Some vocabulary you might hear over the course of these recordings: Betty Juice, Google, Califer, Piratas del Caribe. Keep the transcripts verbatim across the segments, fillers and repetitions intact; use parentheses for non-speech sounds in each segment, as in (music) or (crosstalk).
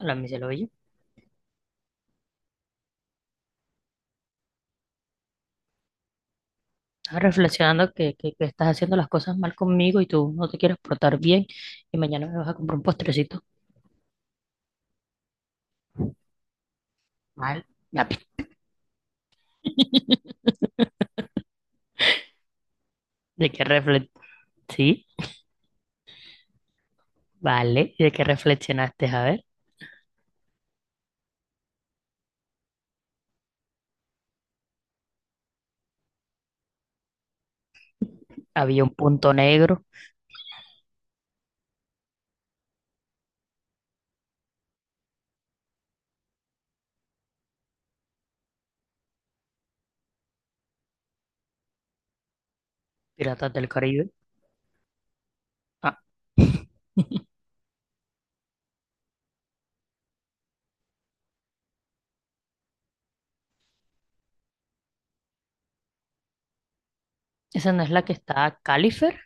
La Michelle, oye, estaba reflexionando que, que, que estás haciendo las cosas mal conmigo y tú no te quieres portar bien y mañana me vas a comprar un postrecito mal. Ya, (laughs) pi. ¿De qué refle Sí, vale. ¿Y de qué reflexionaste? A ver, había un punto negro. Piratas del Caribe. Ah, (laughs) esa no es la que está Califer.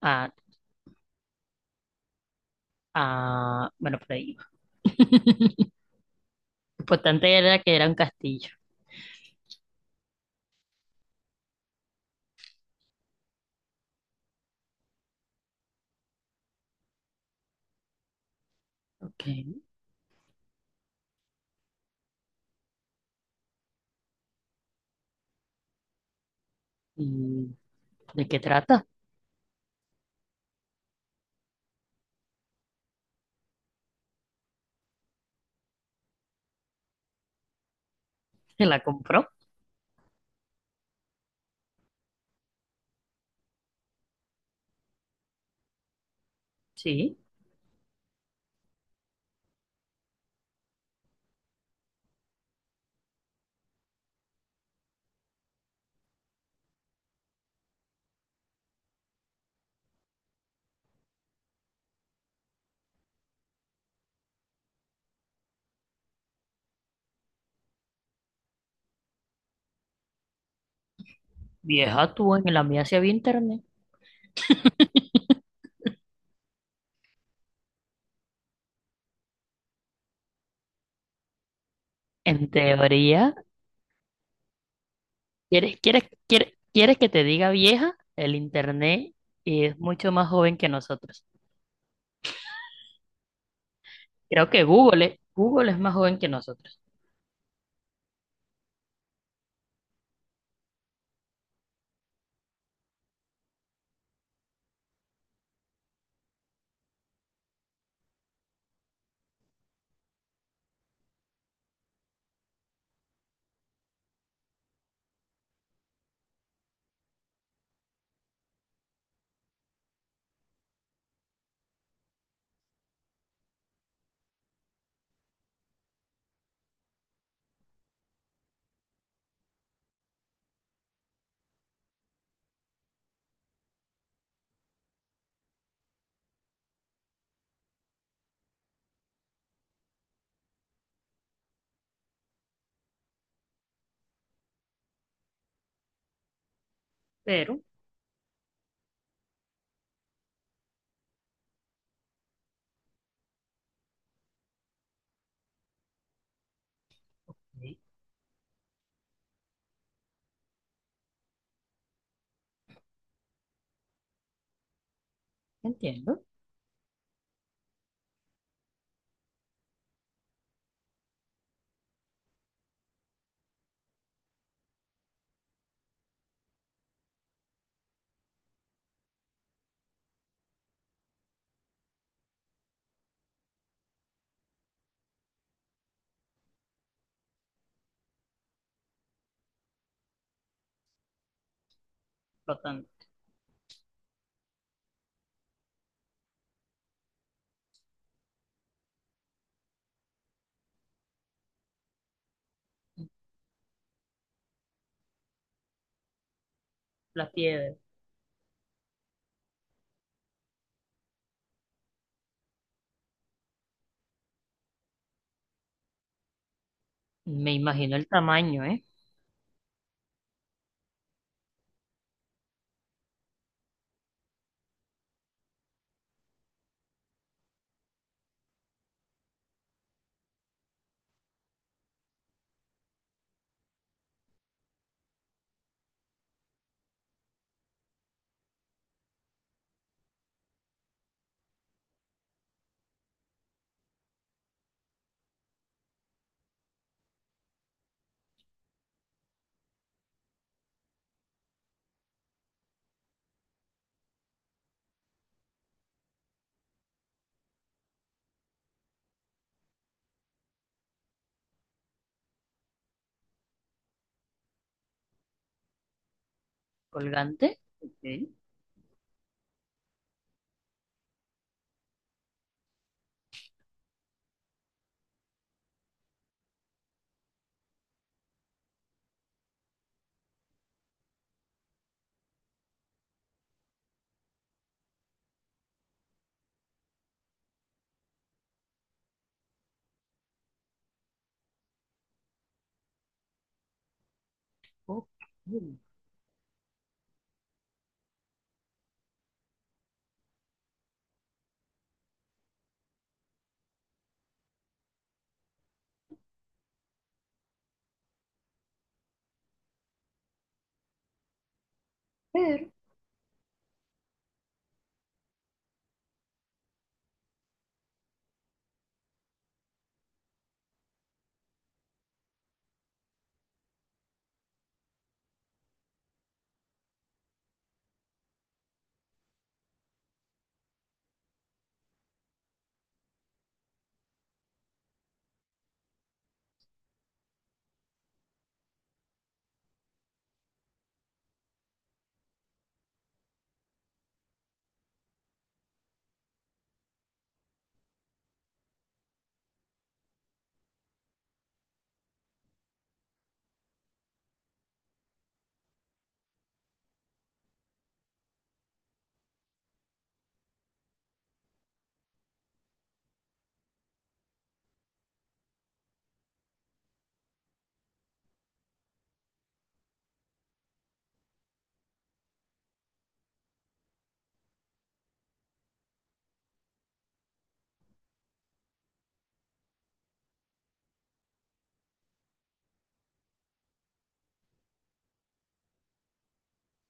Ah, ah, bueno, por ahí iba. Lo importante era que era un castillo. Ok. ¿Y de qué trata? ¿Se la compró? Sí. Vieja tú, en la mía sí había internet. En teoría. ¿Quieres, quieres, quieres, quieres que te diga vieja? El internet es mucho más joven que nosotros. Creo que Google, es- Google es más joven que nosotros. Pero sí, entiendo. Lo tanto, la piedra. Me imagino el tamaño, ¿eh? Colgante. Ok. Ok. Pero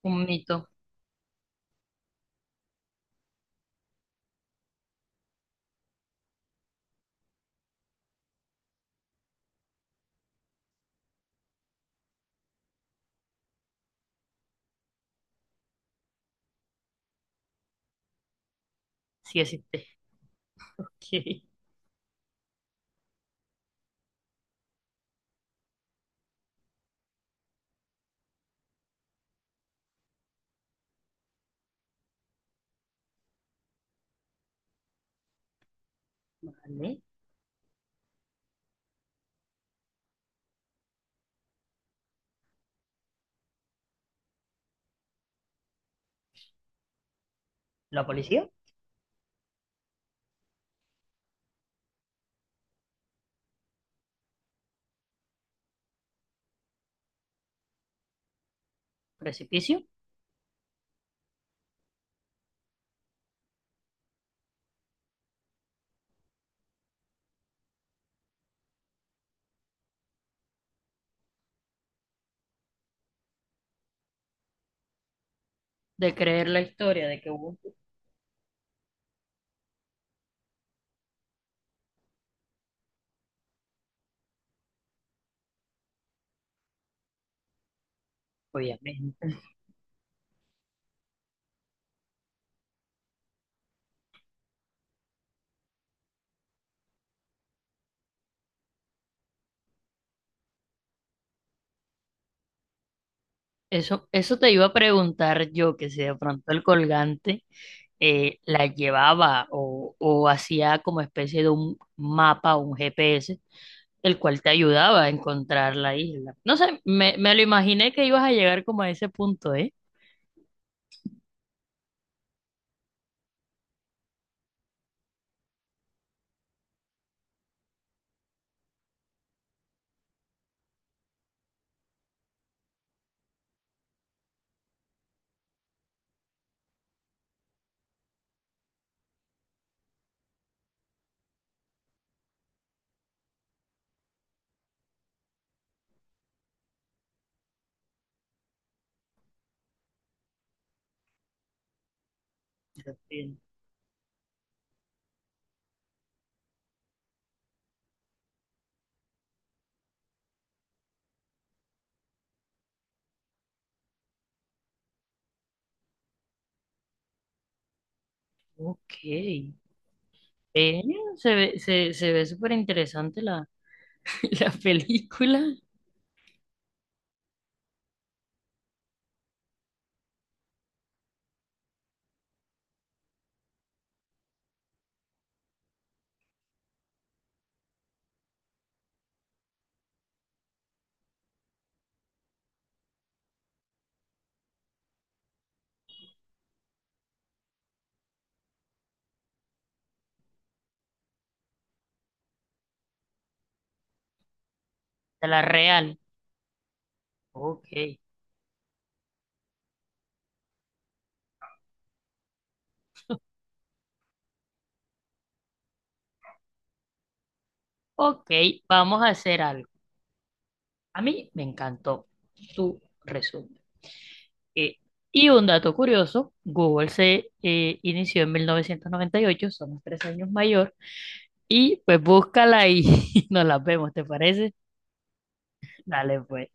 un mito, sí existe. (laughs) Ok. Vale. La policía, precipicio, de creer la historia de que hubo, obviamente. Eso, eso te iba a preguntar yo, que si de pronto el colgante eh, la llevaba o, o hacía como especie de un mapa, un G P S, el cual te ayudaba a encontrar la isla. No sé, me, me lo imaginé que ibas a llegar como a ese punto, ¿eh? Perfil. Ok. Eh, se ve, se, se ve súper interesante la, (laughs) la película de la real. Ok. Ok, vamos a hacer algo. A mí me encantó tu resumen. Eh, y un dato curioso, Google se eh, inició en mil novecientos noventa y ocho, somos tres años mayor, y pues búscala y (laughs) nos la vemos, ¿te parece? Dale, pues.